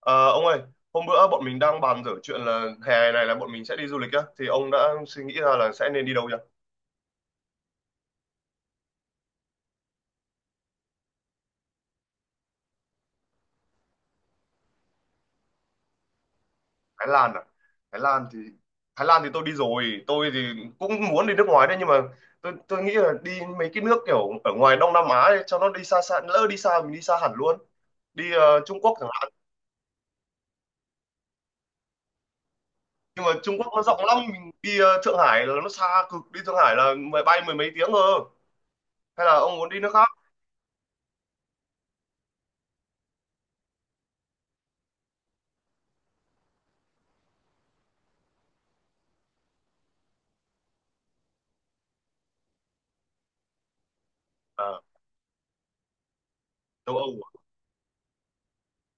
Ờ, ông ơi, hôm bữa bọn mình đang bàn dở chuyện là hè này là bọn mình sẽ đi du lịch á, thì ông đã suy nghĩ ra là sẽ nên đi đâu chưa? Thái Lan à? Thái Lan thì Thái Lan thì tôi đi rồi, tôi thì cũng muốn đi nước ngoài đấy, nhưng mà tôi nghĩ là đi mấy cái nước kiểu ở ngoài Đông Nam Á ấy, cho nó đi xa xa, lỡ đi xa mình đi xa hẳn luôn. Đi Trung Quốc chẳng hạn. Nhưng mà Trung Quốc nó rộng lắm, mình đi Thượng Hải là nó xa cực, đi Thượng Hải là mười mấy tiếng cơ. Hay là ông muốn đi nước khác? À, châu Âu.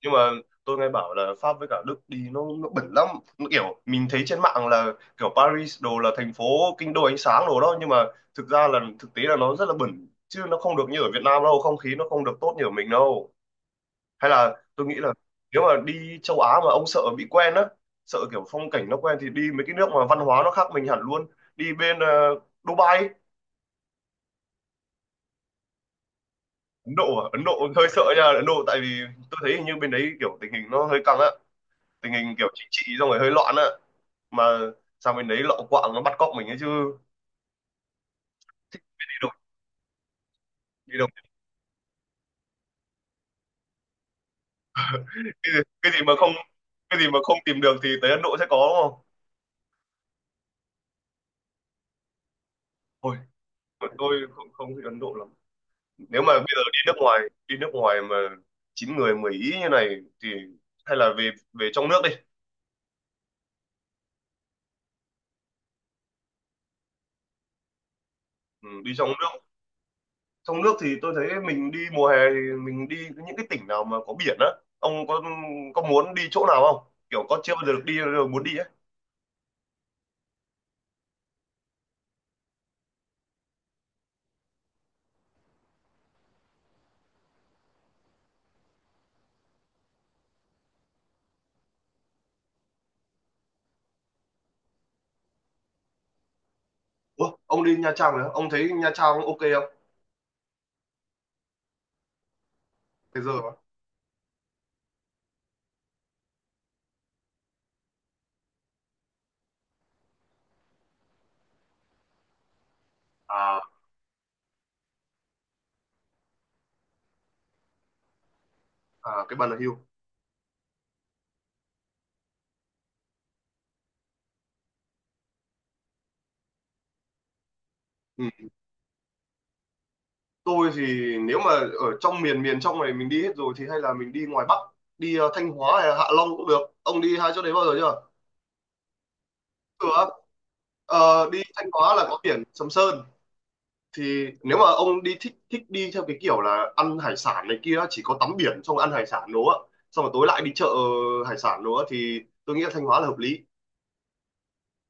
Nhưng mà tôi nghe bảo là Pháp với cả Đức đi nó bẩn lắm. Nó kiểu mình thấy trên mạng là kiểu Paris đồ là thành phố kinh đô ánh sáng đồ đó, nhưng mà thực ra là thực tế là nó rất là bẩn, chứ nó không được như ở Việt Nam đâu, không khí nó không được tốt như ở mình đâu. Hay là tôi nghĩ là nếu mà đi châu Á mà ông sợ bị quen á, sợ kiểu phong cảnh nó quen thì đi mấy cái nước mà văn hóa nó khác mình hẳn luôn. Đi bên Dubai. Ấn Độ à? Ấn Độ hơi sợ nha. Ấn Độ tại vì tôi thấy hình như bên đấy kiểu tình hình nó hơi căng á, tình hình kiểu chính trị xong rồi hơi loạn á, mà sang bên đấy lọ quạng nó bắt cóc mình ấy chứ. Thích đi đâu đi đâu, cái gì, cái gì mà không cái gì mà không tìm được thì tới Ấn Độ sẽ có, đúng không? Ôi, tôi không không thích Ấn Độ lắm. Nếu mà bây giờ đi nước ngoài, đi nước ngoài mà chín người mười ý như này thì hay là về về trong nước đi. Ừ, đi trong nước. Trong nước thì tôi thấy mình đi mùa hè thì mình đi những cái tỉnh nào mà có biển á. Ông có muốn đi chỗ nào không, kiểu có chưa bao giờ được đi rồi muốn đi ấy? Ủa, ông đi Nha Trang rồi á? Ông thấy Nha Trang ok không? Thế giờ mà à à cái bàn là hưu. Ừ. Tôi thì nếu mà ở trong miền miền trong này mình đi hết rồi thì hay là mình đi ngoài Bắc. Đi Thanh Hóa hay là Hạ Long cũng được, ông đi hai chỗ đấy bao giờ chưa? Cửa, Đi Thanh Hóa là có biển Sầm Sơn, thì nếu mà ông đi thích thích đi theo cái kiểu là ăn hải sản này kia, chỉ có tắm biển xong ăn hải sản đồ, xong rồi tối lại đi chợ hải sản đồ thì tôi nghĩ là Thanh Hóa là hợp lý.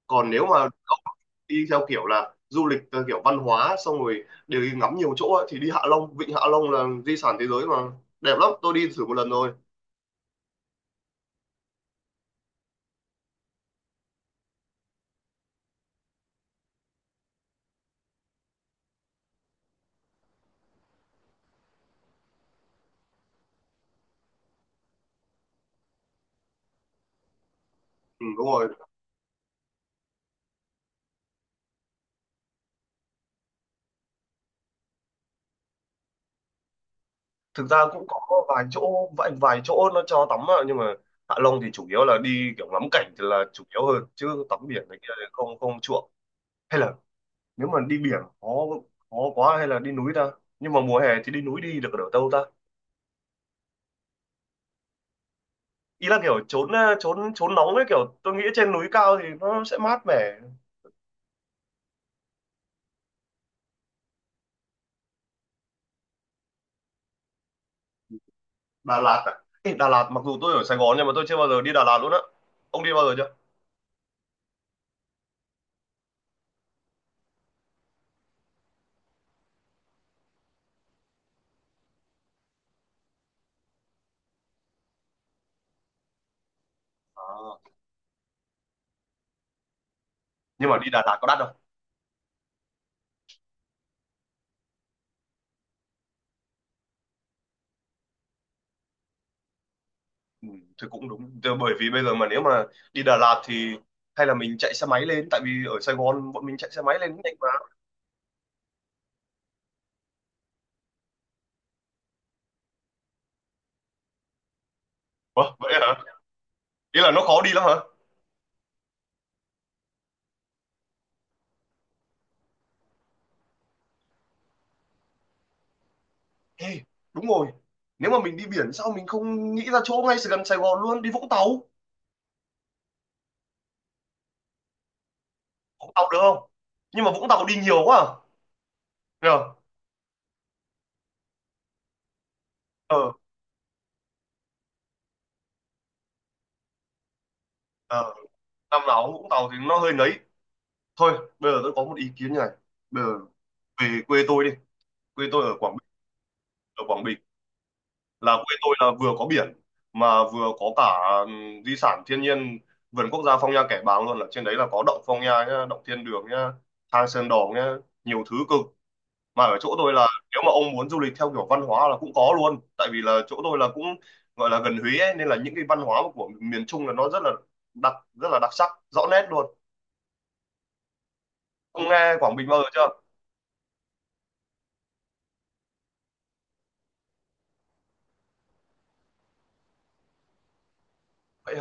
Còn nếu mà cậu đi theo kiểu là du lịch theo kiểu văn hóa, xong rồi đều đi ngắm nhiều chỗ ấy, thì đi Hạ Long. Vịnh Hạ Long là di sản thế giới mà, đẹp lắm, tôi đi thử một lần rồi. Ừ, đúng rồi. Thực ra cũng có vài chỗ nó cho tắm ạ, nhưng mà Hạ Long thì chủ yếu là đi kiểu ngắm cảnh thì là chủ yếu hơn, chứ tắm biển này kia thì không không chuộng. Hay là nếu mà đi biển khó khó quá, hay là đi núi ta? Nhưng mà mùa hè thì đi núi đi được ở đâu ta? Ý là kiểu trốn ờ, trốn trốn nóng ấy, kiểu tôi nghĩ trên núi cao thì nó sẽ mát mẻ. Đà Lạt à? Ê, Đà Lạt mặc dù tôi ở Sài Gòn nhưng mà tôi chưa bao giờ đi Đà Lạt luôn á. Ông đi bao giờ chưa? À. Nhưng mà đi Đà Lạt có đắt không? Ừ, thì cũng đúng. Thì bởi vì bây giờ mà nếu mà đi Đà Lạt thì hay là mình chạy xe máy lên, tại vì ở Sài Gòn bọn mình chạy xe máy lên cũng nhanh mà. Ủa, vậy hả? Ý là nó khó đi lắm hả? Ê, đúng rồi. Nếu mà mình đi biển sao mình không nghĩ ra chỗ ngay gần Sài Gòn luôn, đi Vũng Tàu? Vũng Tàu được không? Nhưng mà Vũng Tàu đi nhiều quá à? Nhờ? Ờ, ờ, năm nào cũng Vũng Tàu thì nó hơi nấy. Thôi, bây giờ tôi có một ý kiến như này. Bây giờ về quê tôi đi, quê tôi ở Quảng Bình. Ở Quảng Bình, là quê tôi là vừa có biển mà vừa có cả di sản thiên nhiên, vườn quốc gia Phong Nha Kẻ Bàng luôn, là trên đấy là có động Phong Nha nhá, động Thiên Đường nhá, hang Sơn đòn nhá, nhiều thứ cực. Mà ở chỗ tôi là nếu mà ông muốn du lịch theo kiểu văn hóa là cũng có luôn, tại vì là chỗ tôi là cũng gọi là gần Huế ấy, nên là những cái văn hóa của miền Trung là nó rất là đặc, rất là đặc sắc rõ nét luôn. Ông nghe Quảng Bình bao giờ chưa? Vậy.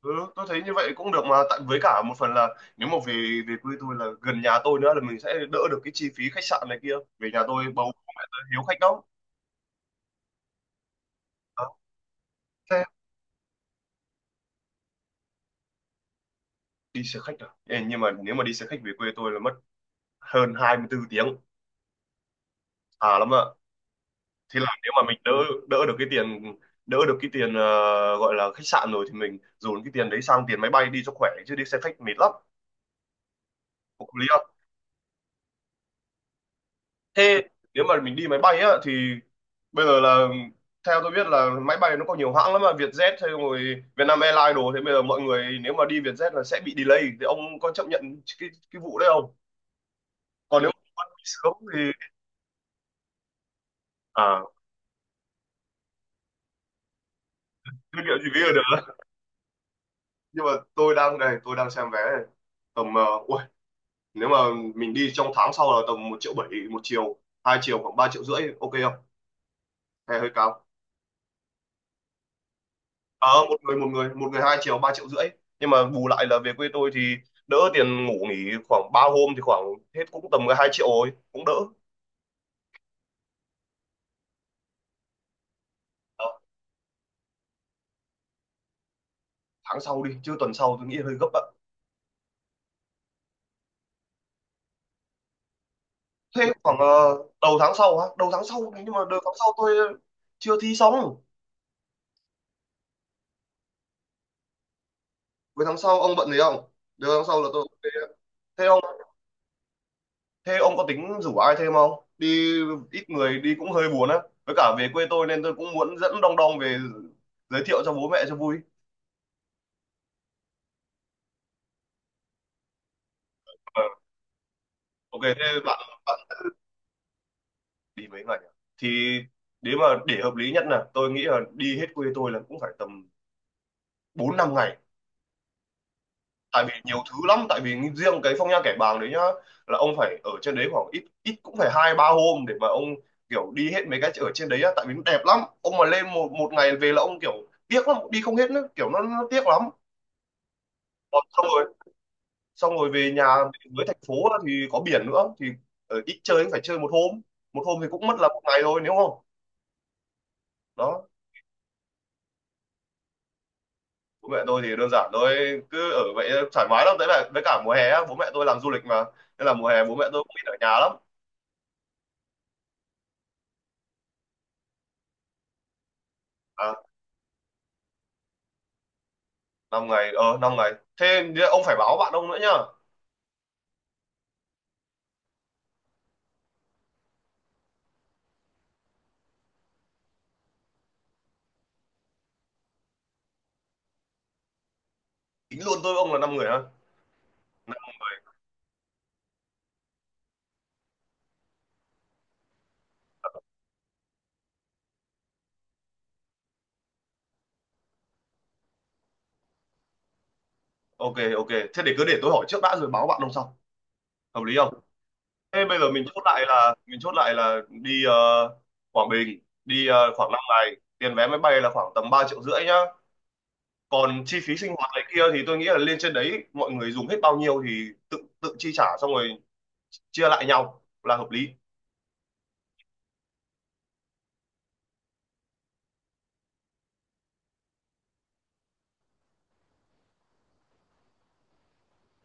Ừ, tôi thấy như vậy cũng được mà, tại với cả một phần là nếu mà về về quê tôi là gần nhà tôi nữa là mình sẽ đỡ được cái chi phí khách sạn này kia. Về nhà tôi bầu bố mẹ tôi hiếu khách lắm. Đó, thế đi xe khách à? Ê, nhưng mà nếu mà đi xe khách về quê tôi là mất hơn 24 tiếng à, lắm ạ. Thế là nếu mà mình đỡ đỡ được cái tiền đỡ được cái tiền gọi là khách sạn rồi thì mình dồn cái tiền đấy sang tiền máy bay đi cho khỏe, chứ đi xe khách mệt lắm. Hợp lý. Thế nếu mà mình đi máy bay á thì bây giờ là theo tôi biết là máy bay nó có nhiều hãng lắm mà, Vietjet hay rồi Vietnam Airlines đồ, thế bây giờ mọi người nếu mà đi Vietjet là sẽ bị delay thì ông có chấp nhận cái vụ đấy không? Còn nếu mà đi sớm thì, à, thương hiệu gì bây giờ được. Nhưng mà tôi đang đây tôi đang xem vé này. Tầm ui, nếu mà mình đi trong tháng sau là tầm 1,7 triệu một chiều, hai chiều khoảng 3,5 triệu, ok không, hay hơi cao? Ờ, một người, hai triệu, ba triệu rưỡi, nhưng mà bù lại là về quê tôi thì đỡ tiền ngủ nghỉ, khoảng ba hôm thì khoảng hết cũng tầm cái hai triệu rồi, cũng đỡ. Ờ, tháng sau đi chứ tuần sau tôi nghĩ hơi gấp ạ. Thế khoảng đầu tháng sau á, đầu tháng sau nhưng mà đầu tháng sau tôi chưa thi xong. Cuối tháng sau ông bận gì không? Đầu tháng sau là tôi về. Thế ông thế ông có tính rủ ai thêm không? Đi ít người đi cũng hơi buồn á, với cả về quê tôi nên tôi cũng muốn dẫn đong đong về giới thiệu cho bố mẹ cho vui. Ờ, ok. Thế bạn đi mấy ngày à? Thì nếu mà để hợp lý nhất là tôi nghĩ là đi hết quê tôi là cũng phải tầm 4 5 ngày, tại vì nhiều thứ lắm, tại vì riêng cái Phong Nha Kẻ Bàng đấy nhá, là ông phải ở trên đấy khoảng ít ít cũng phải hai ba hôm để mà ông kiểu đi hết mấy cái ở trên đấy á, tại vì nó đẹp lắm. Ông mà lên một một ngày về là ông kiểu tiếc lắm, đi không hết nữa, kiểu nó tiếc lắm. Còn xong rồi về nhà, với thành phố á, thì có biển nữa thì ở ít chơi cũng phải chơi một hôm, một hôm thì cũng mất là một ngày thôi, nếu không đó. Bố mẹ tôi thì đơn giản thôi, cứ ở vậy thoải mái lắm, đấy là với cả mùa hè á, bố mẹ tôi làm du lịch mà, nên là mùa hè bố mẹ tôi cũng ít ở nhà lắm. À, năm ngày, năm ngày, thế ông phải báo bạn ông nữa nhá. Tính luôn tôi với ông là năm người ha. Ok ok, thế để cứ để tôi hỏi trước đã rồi báo bạn ông sau, hợp lý không? Thế bây giờ mình chốt lại là đi Quảng Bình, đi khoảng 5 ngày, tiền vé máy bay là khoảng tầm 3 triệu rưỡi nhá. Còn chi phí sinh hoạt này kia thì tôi nghĩ là lên trên đấy mọi người dùng hết bao nhiêu thì tự tự chi trả, xong rồi chia lại nhau là hợp lý.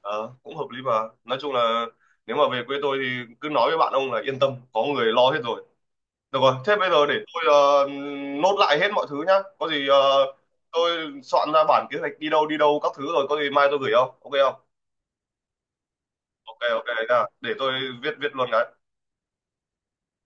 Ờ, cũng hợp lý mà. Nói chung là nếu mà về quê tôi thì cứ nói với bạn ông là yên tâm có người lo hết rồi. Được rồi, thế bây giờ để tôi nốt lại hết mọi thứ nhá. Có gì tôi soạn ra bản kế hoạch đi đâu các thứ rồi có gì mai tôi gửi, không ok không? Ok ok nha, để tôi viết viết luôn cái.